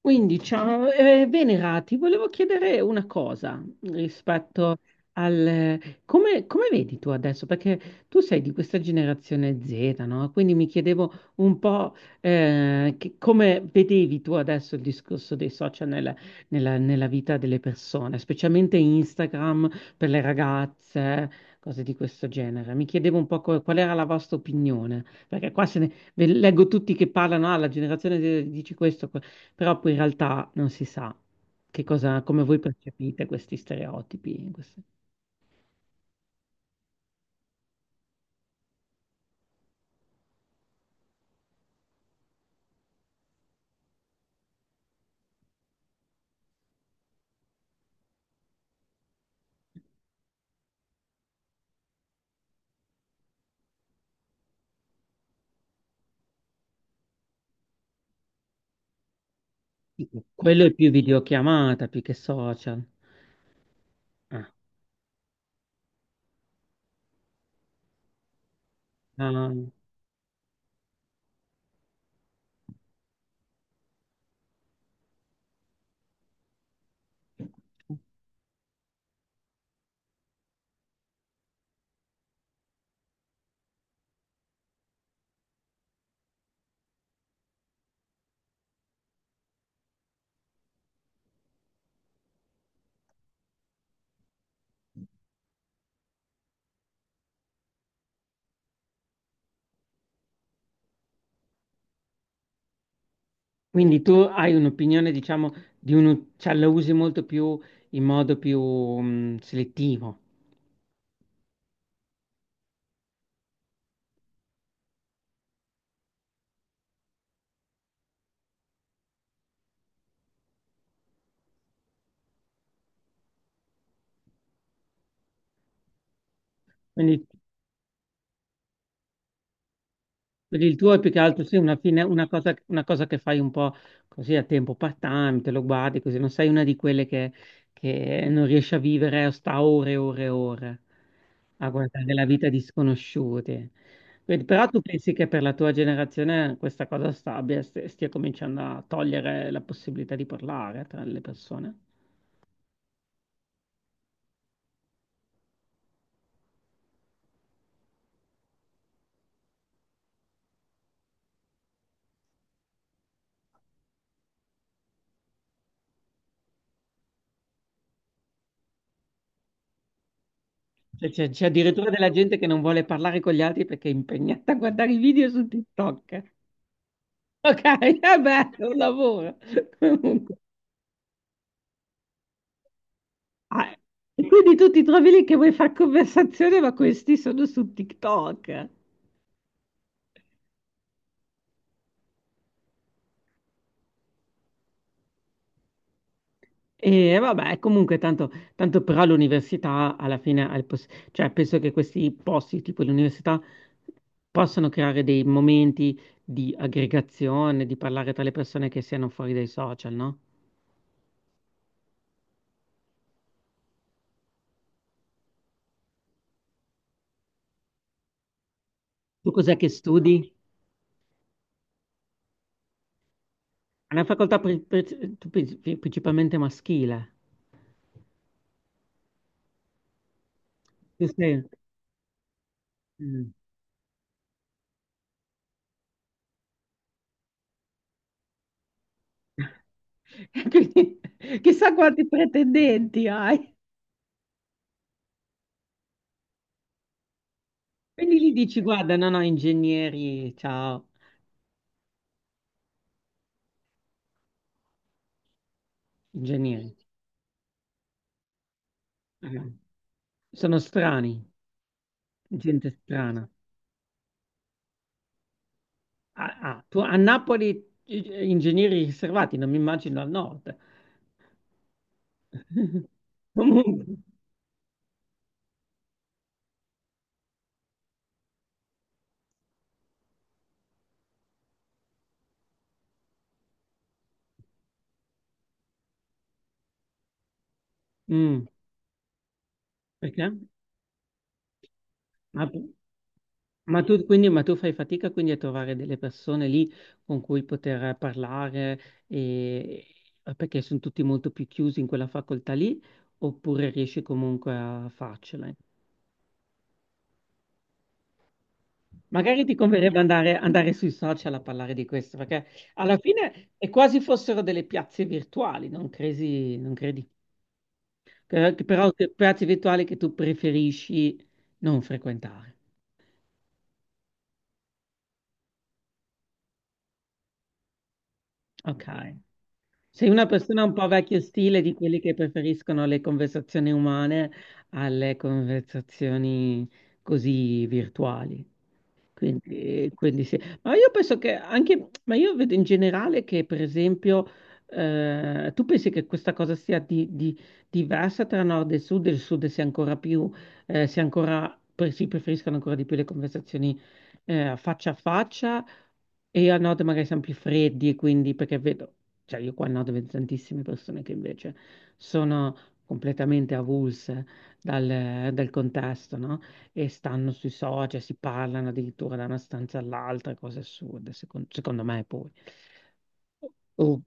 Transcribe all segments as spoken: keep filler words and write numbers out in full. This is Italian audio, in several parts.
Quindi, ciao, eh, Venera, ti volevo chiedere una cosa rispetto al. Come, come vedi tu adesso? Perché tu sei di questa generazione Z, no? Quindi mi chiedevo un po' eh, che- come vedevi tu adesso il discorso dei social nella, nella- nella vita delle persone, specialmente Instagram per le ragazze, cose di questo genere. Mi chiedevo un po' co- qual era la vostra opinione, perché qua se ne... ve- leggo tutti che parlano, ah, la generazione Z dice questo, però poi in realtà non si sa che cosa, come voi percepite questi stereotipi. queste- Quello è più videochiamata, più che social. Ah, ah. Quindi tu hai un'opinione, diciamo, di uno, cioè la usi molto più in modo più mh, selettivo. Quindi Quindi il tuo è più che altro sì, una, fine- una cosa, una cosa che fai un po' così a tempo part-time, te lo guardi così, non sei una di quelle che, che non riesce a vivere, o sta ore e ore e ore a guardare la vita di sconosciuti. Quindi, però tu pensi che per la tua generazione questa cosa sta- abbia- st- stia cominciando a togliere la possibilità di parlare tra le persone? Cioè, c'è c'è addirittura della gente che non vuole parlare con gli altri perché è impegnata a guardare i video su TikTok. Ok, vabbè, è un lavoro. Comunque. Ah, e quindi tu ti trovi lì che vuoi fare conversazione, ma questi sono su TikTok. E vabbè, comunque tanto, tanto però l'università alla fine, ha il poss- cioè penso che questi posti tipo l'università possono creare dei momenti di aggregazione, di parlare tra le persone che siano fuori dai social, no? Tu cos'è che studi? È una facoltà pri- pri- tu pensi- principalmente maschile. Tu sei. Mm. Quindi, chissà quanti pretendenti hai. Quindi gli dici, guarda, no, no, ingegneri, ciao, ingegneri. Eh, Sono strani, gente strana. Ah, ah, tu- a Napoli eh, ingegneri riservati, non mi immagino al nord. Comunque, mm, perché? Ma, ma tu, quindi, ma tu fai fatica quindi a trovare delle persone lì con cui poter parlare e- eh, perché sono tutti molto più chiusi in quella facoltà lì, oppure riesci comunque a farcela? Magari ti converrebbe andare, andare sui social a parlare di questo, perché alla fine è quasi fossero delle piazze virtuali, non credi? Non credi? Che- che Però che piazze virtuali che tu preferisci non frequentare. Ok. Sei una persona un po' vecchio stile di quelli che preferiscono le conversazioni umane alle conversazioni così virtuali. Quindi, quindi sì. Ma io penso che anche, ma io vedo in generale che, per esempio, eh, tu pensi che questa cosa sia di- di- diversa tra nord e sud? Il sud sia ancora più, eh, sia ancora, pre- si preferiscono ancora di più le conversazioni, eh, faccia a faccia e a nord magari siamo più freddi, e quindi perché vedo, cioè io qua a nord vedo tantissime persone che invece sono completamente avulse dal, dal contesto, no? E stanno sui social, si parlano addirittura da una stanza all'altra, cose assurde, secon- secondo me poi. Oh,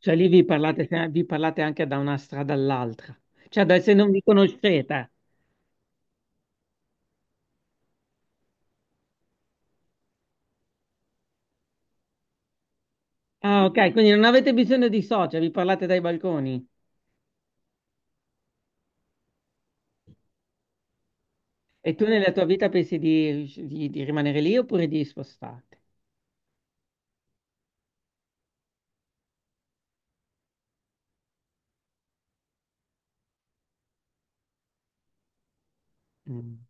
cioè lì vi parlate, cioè vi parlate anche da una strada all'altra, cioè da- se non vi conoscete. Ah, ok, quindi non avete bisogno di social, vi parlate dai balconi. E tu nella tua vita pensi di, di- di rimanere lì oppure di spostarti? Mm.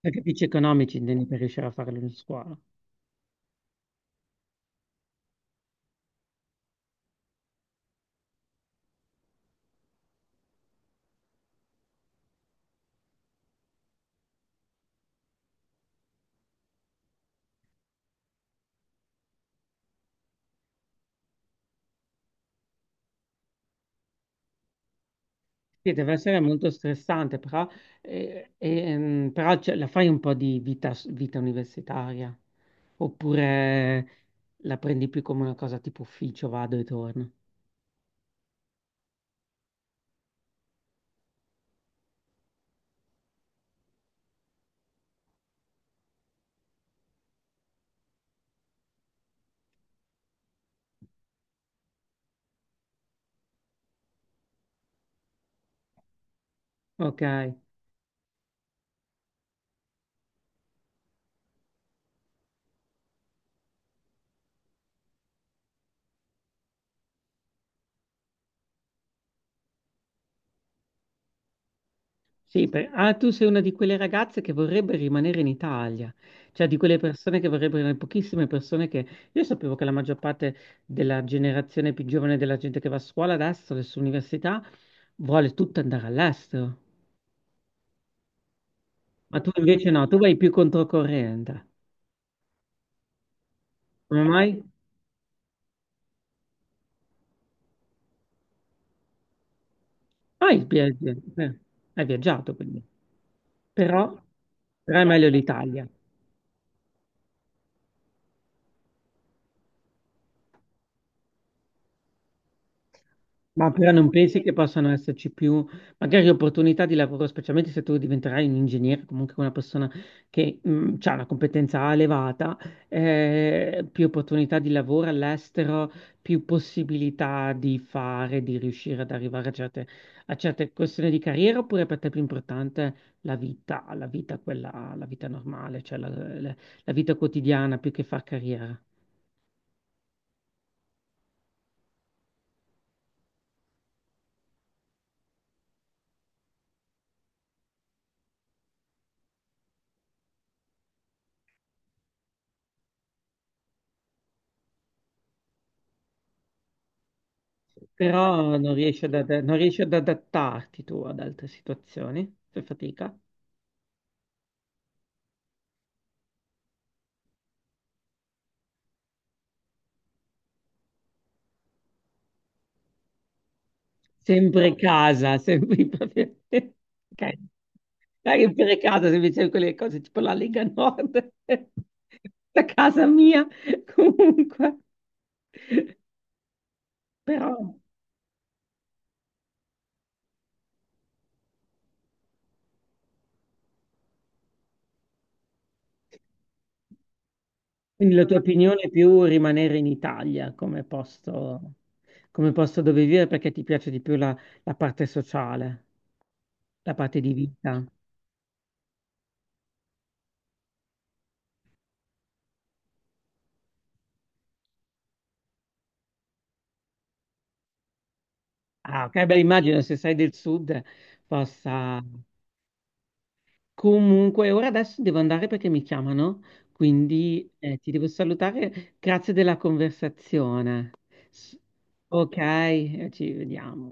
Per capricci economici intendi per riuscire a fare la scuola. Sì, deve essere molto stressante, però, eh, ehm, però ce la fai un po' di vita, vita universitaria, oppure la prendi più come una cosa tipo ufficio, vado e torno. Ok. Sì, per- ah, tu sei una di quelle ragazze che vorrebbe rimanere in Italia, cioè di quelle persone che vorrebbero, le pochissime persone che. Io sapevo che la maggior parte della generazione più giovane della gente che va a scuola adesso, adesso all'università, vuole tutta andare all'estero, ma tu invece no, tu vai più controcorrente. Come mai? Ah, hai viaggi- eh, hai viaggiato quindi, però, però è meglio l'Italia. Ma però non pensi che possano esserci più, magari opportunità di lavoro, specialmente se tu diventerai un ingegnere, comunque una persona che ha una competenza elevata, eh, più opportunità di lavoro all'estero, più possibilità di fare, di riuscire ad arrivare a certe, a certe questioni di carriera, oppure per te è più importante la vita, la vita quella, la vita normale, cioè la la- la vita quotidiana più che far carriera? Però non riesci ad, ad- non riesci ad adattarti tu ad altre situazioni, fai fatica. Sempre casa, sempre proprio- Ok. Sempre casa, se invece quelle cose tipo la Lega Nord, da casa mia, comunque. Però, quindi la tua opinione è più rimanere in Italia come posto, come posto dove vivere perché ti piace di più la la parte sociale, la parte di vita. Ah, ok, beh, immagino se sei del sud possa. Comunque, ora adesso devo andare perché mi chiamano, quindi eh, ti devo salutare. Grazie della conversazione. S- Ok, eh, ci vediamo.